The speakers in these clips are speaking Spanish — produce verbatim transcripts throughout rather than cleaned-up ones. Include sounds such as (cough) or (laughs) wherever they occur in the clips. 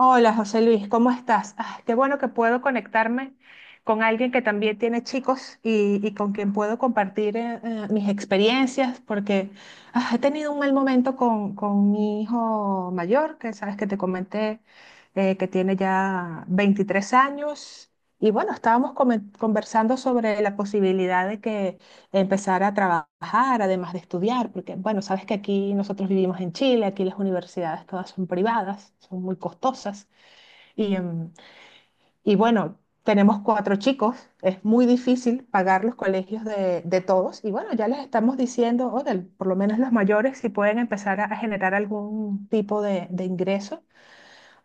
Hola José Luis, ¿cómo estás? Ah, qué bueno que puedo conectarme con alguien que también tiene chicos y, y con quien puedo compartir eh, eh, mis experiencias, porque ah, he tenido un mal momento con, con mi hijo mayor, que sabes que te comenté, eh, que tiene ya veintitrés años. Y bueno, estábamos comen- conversando sobre la posibilidad de que empezar a trabajar, además de estudiar, porque bueno, sabes que aquí nosotros vivimos en Chile, aquí las universidades todas son privadas, son muy costosas y, em, y bueno, tenemos cuatro chicos, es muy difícil pagar los colegios de, de todos y bueno, ya les estamos diciendo, o del- por lo menos los mayores, si pueden empezar a, a generar algún tipo de, de ingreso,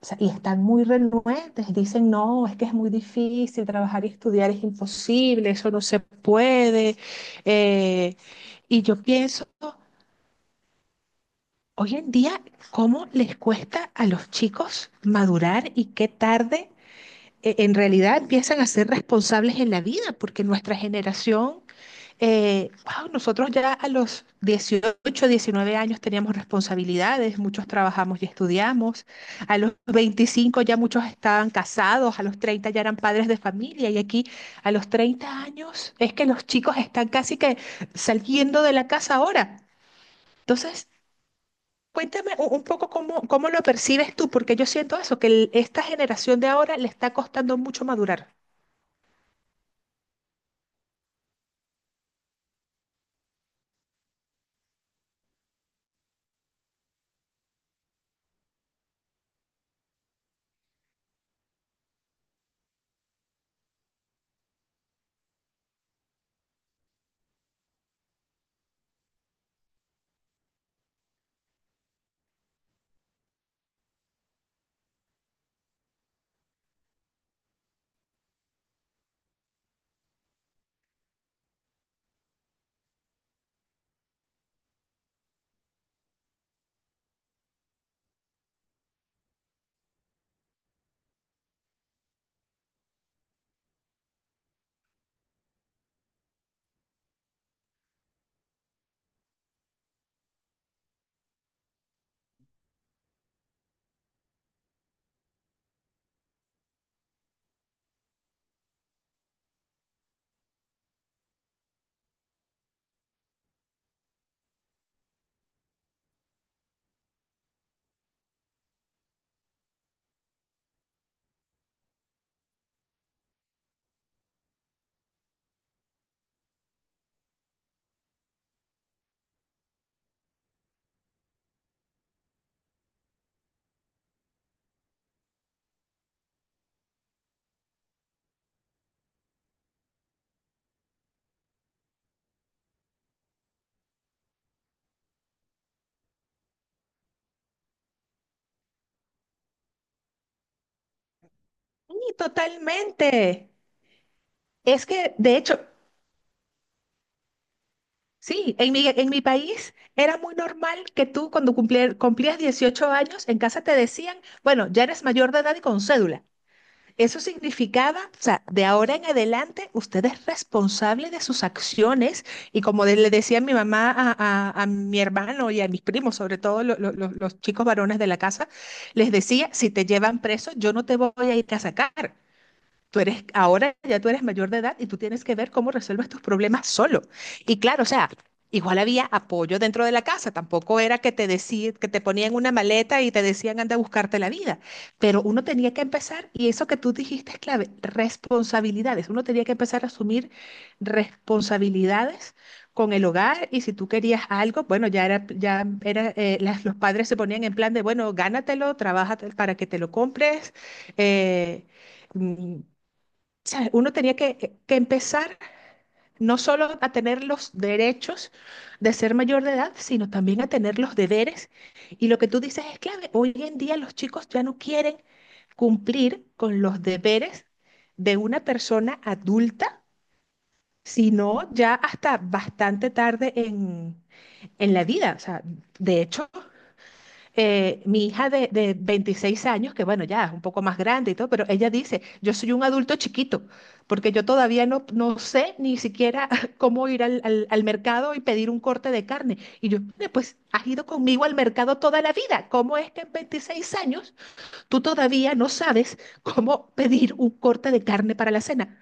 o sea, y están muy renuentes, dicen, no, es que es muy difícil trabajar y estudiar, es imposible, eso no se puede. Eh, y yo pienso, hoy en día, ¿cómo les cuesta a los chicos madurar y qué tarde eh, en realidad empiezan a ser responsables en la vida? Porque nuestra generación, eh, wao, nosotros ya a los dieciocho, diecinueve años teníamos responsabilidades, muchos trabajamos y estudiamos, a los veinticinco ya muchos estaban casados, a los treinta ya eran padres de familia y aquí a los treinta años es que los chicos están casi que saliendo de la casa ahora. Entonces, cuéntame u- un poco cómo, cómo lo percibes tú, porque yo siento eso, que el- esta generación de ahora le está costando mucho madurar. Sí, totalmente. Es que, de hecho, sí, en mi, en mi país era muy normal que tú cuando cumplir- cumplías dieciocho años en casa te decían, bueno, ya eres mayor de edad y con cédula. Eso significaba, o sea, de ahora en adelante usted es responsable de sus acciones y como de- le decía mi mamá a, a- a mi hermano y a mis primos, sobre todo lo- lo- lo- los chicos varones de la casa, les decía, si te llevan preso, yo no te voy a ir a sacar. Tú eres, ahora ya tú eres mayor de edad y tú tienes que ver cómo resuelves tus problemas solo. Y claro, o sea, igual había apoyo dentro de la casa, tampoco era que te decían, que te ponían una maleta y te decían anda a buscarte la vida, pero uno tenía que empezar, y eso que tú dijiste es clave, responsabilidades. Uno tenía que empezar a asumir responsabilidades con el hogar y si tú querías algo, bueno, ya era, ya era, eh, las- los padres se ponían en plan de, bueno, gánatelo, trabaja para que te lo compres. eh, mm, sea, Uno tenía que, eh, que empezar no solo a tener los derechos de ser mayor de edad, sino también a tener los deberes. Y lo que tú dices es clave. Hoy en día los chicos ya no quieren cumplir con los deberes de una persona adulta, sino ya hasta bastante tarde en, en la vida. O sea, de hecho, eh, mi hija de, de veintiséis años, que bueno, ya es un poco más grande y todo, pero ella dice, yo soy un adulto chiquito, porque yo todavía no, no sé ni siquiera (laughs) cómo ir al, al- al mercado y pedir un corte de carne. Y yo, "Oye, pues has ido conmigo al mercado toda la vida. ¿Cómo es que en veintiséis años tú todavía no sabes cómo pedir un corte de carne para la cena?"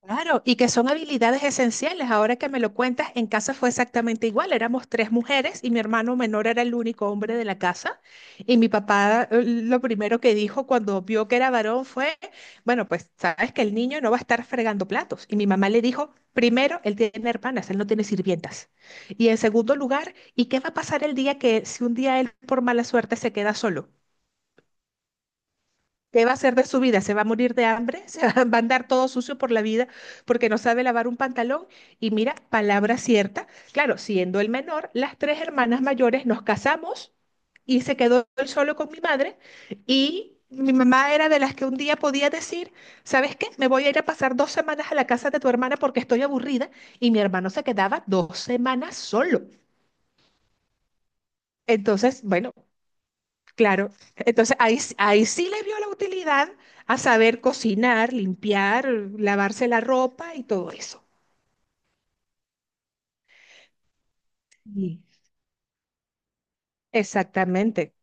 Claro, y que son habilidades esenciales. Ahora que me lo cuentas, en casa fue exactamente igual. Éramos tres mujeres y mi hermano menor era el único hombre de la casa. Y mi papá, eh, lo primero que dijo cuando vio que era varón fue, bueno, pues sabes que el niño no va a estar fregando platos. Y mi mamá le dijo, primero, él tiene hermanas, él no tiene sirvientas. Y en segundo lugar, ¿y qué va a pasar el día que si un día él por mala suerte se queda solo? ¿Qué va a hacer de su vida? ¿Se va a morir de hambre? ¿Se va va a andar todo sucio por la vida porque no sabe lavar un pantalón? Y mira, palabra cierta. Claro, siendo el menor, las tres hermanas mayores nos casamos y se quedó él solo con mi madre y mi mamá era de las que un día podía decir, ¿sabes qué? Me voy a ir a pasar dos semanas a la casa de tu hermana porque estoy aburrida y mi hermano se quedaba dos semanas solo. Entonces, bueno. Claro, entonces ahí, s- ahí sí le vio la utilidad a saber cocinar, limpiar, lavarse la ropa y todo eso. Sí. Exactamente.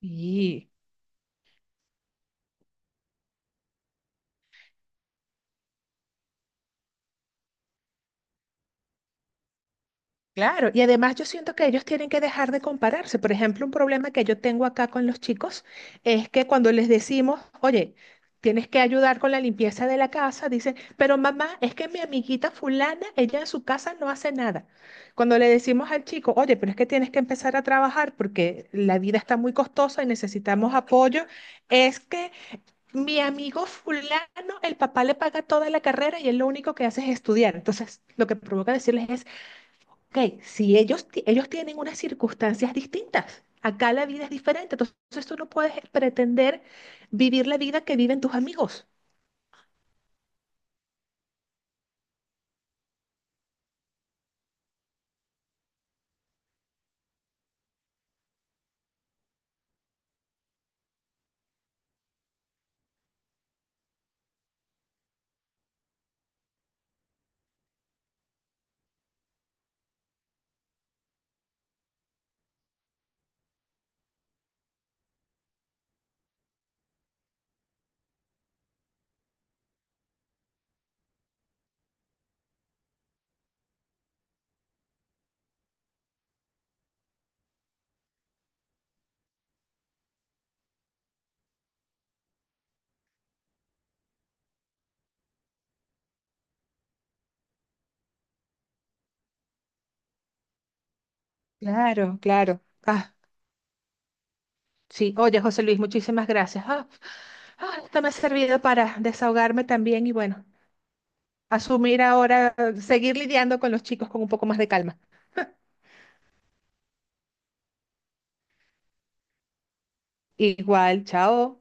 Sí. Claro, y además yo siento que ellos tienen que dejar de compararse. Por ejemplo, un problema que yo tengo acá con los chicos es que cuando les decimos, oye, tienes que ayudar con la limpieza de la casa, dicen, pero mamá, es que mi amiguita fulana, ella en su casa no hace nada. Cuando le decimos al chico, oye, pero es que tienes que empezar a trabajar porque la vida está muy costosa y necesitamos apoyo, es que mi amigo fulano, el papá le paga toda la carrera y él lo único que hace es estudiar. Entonces, lo que provoca decirles es, ok, si ellos, ti- ellos tienen unas circunstancias distintas, acá la vida es diferente, entonces tú no puedes pretender vivir la vida que viven tus amigos. Claro, claro. Ah, sí, oye, José Luis, muchísimas gracias. Ah, ah, esto me ha servido para desahogarme también y bueno, asumir ahora, eh, seguir lidiando con los chicos con un poco más de calma. Igual, chao.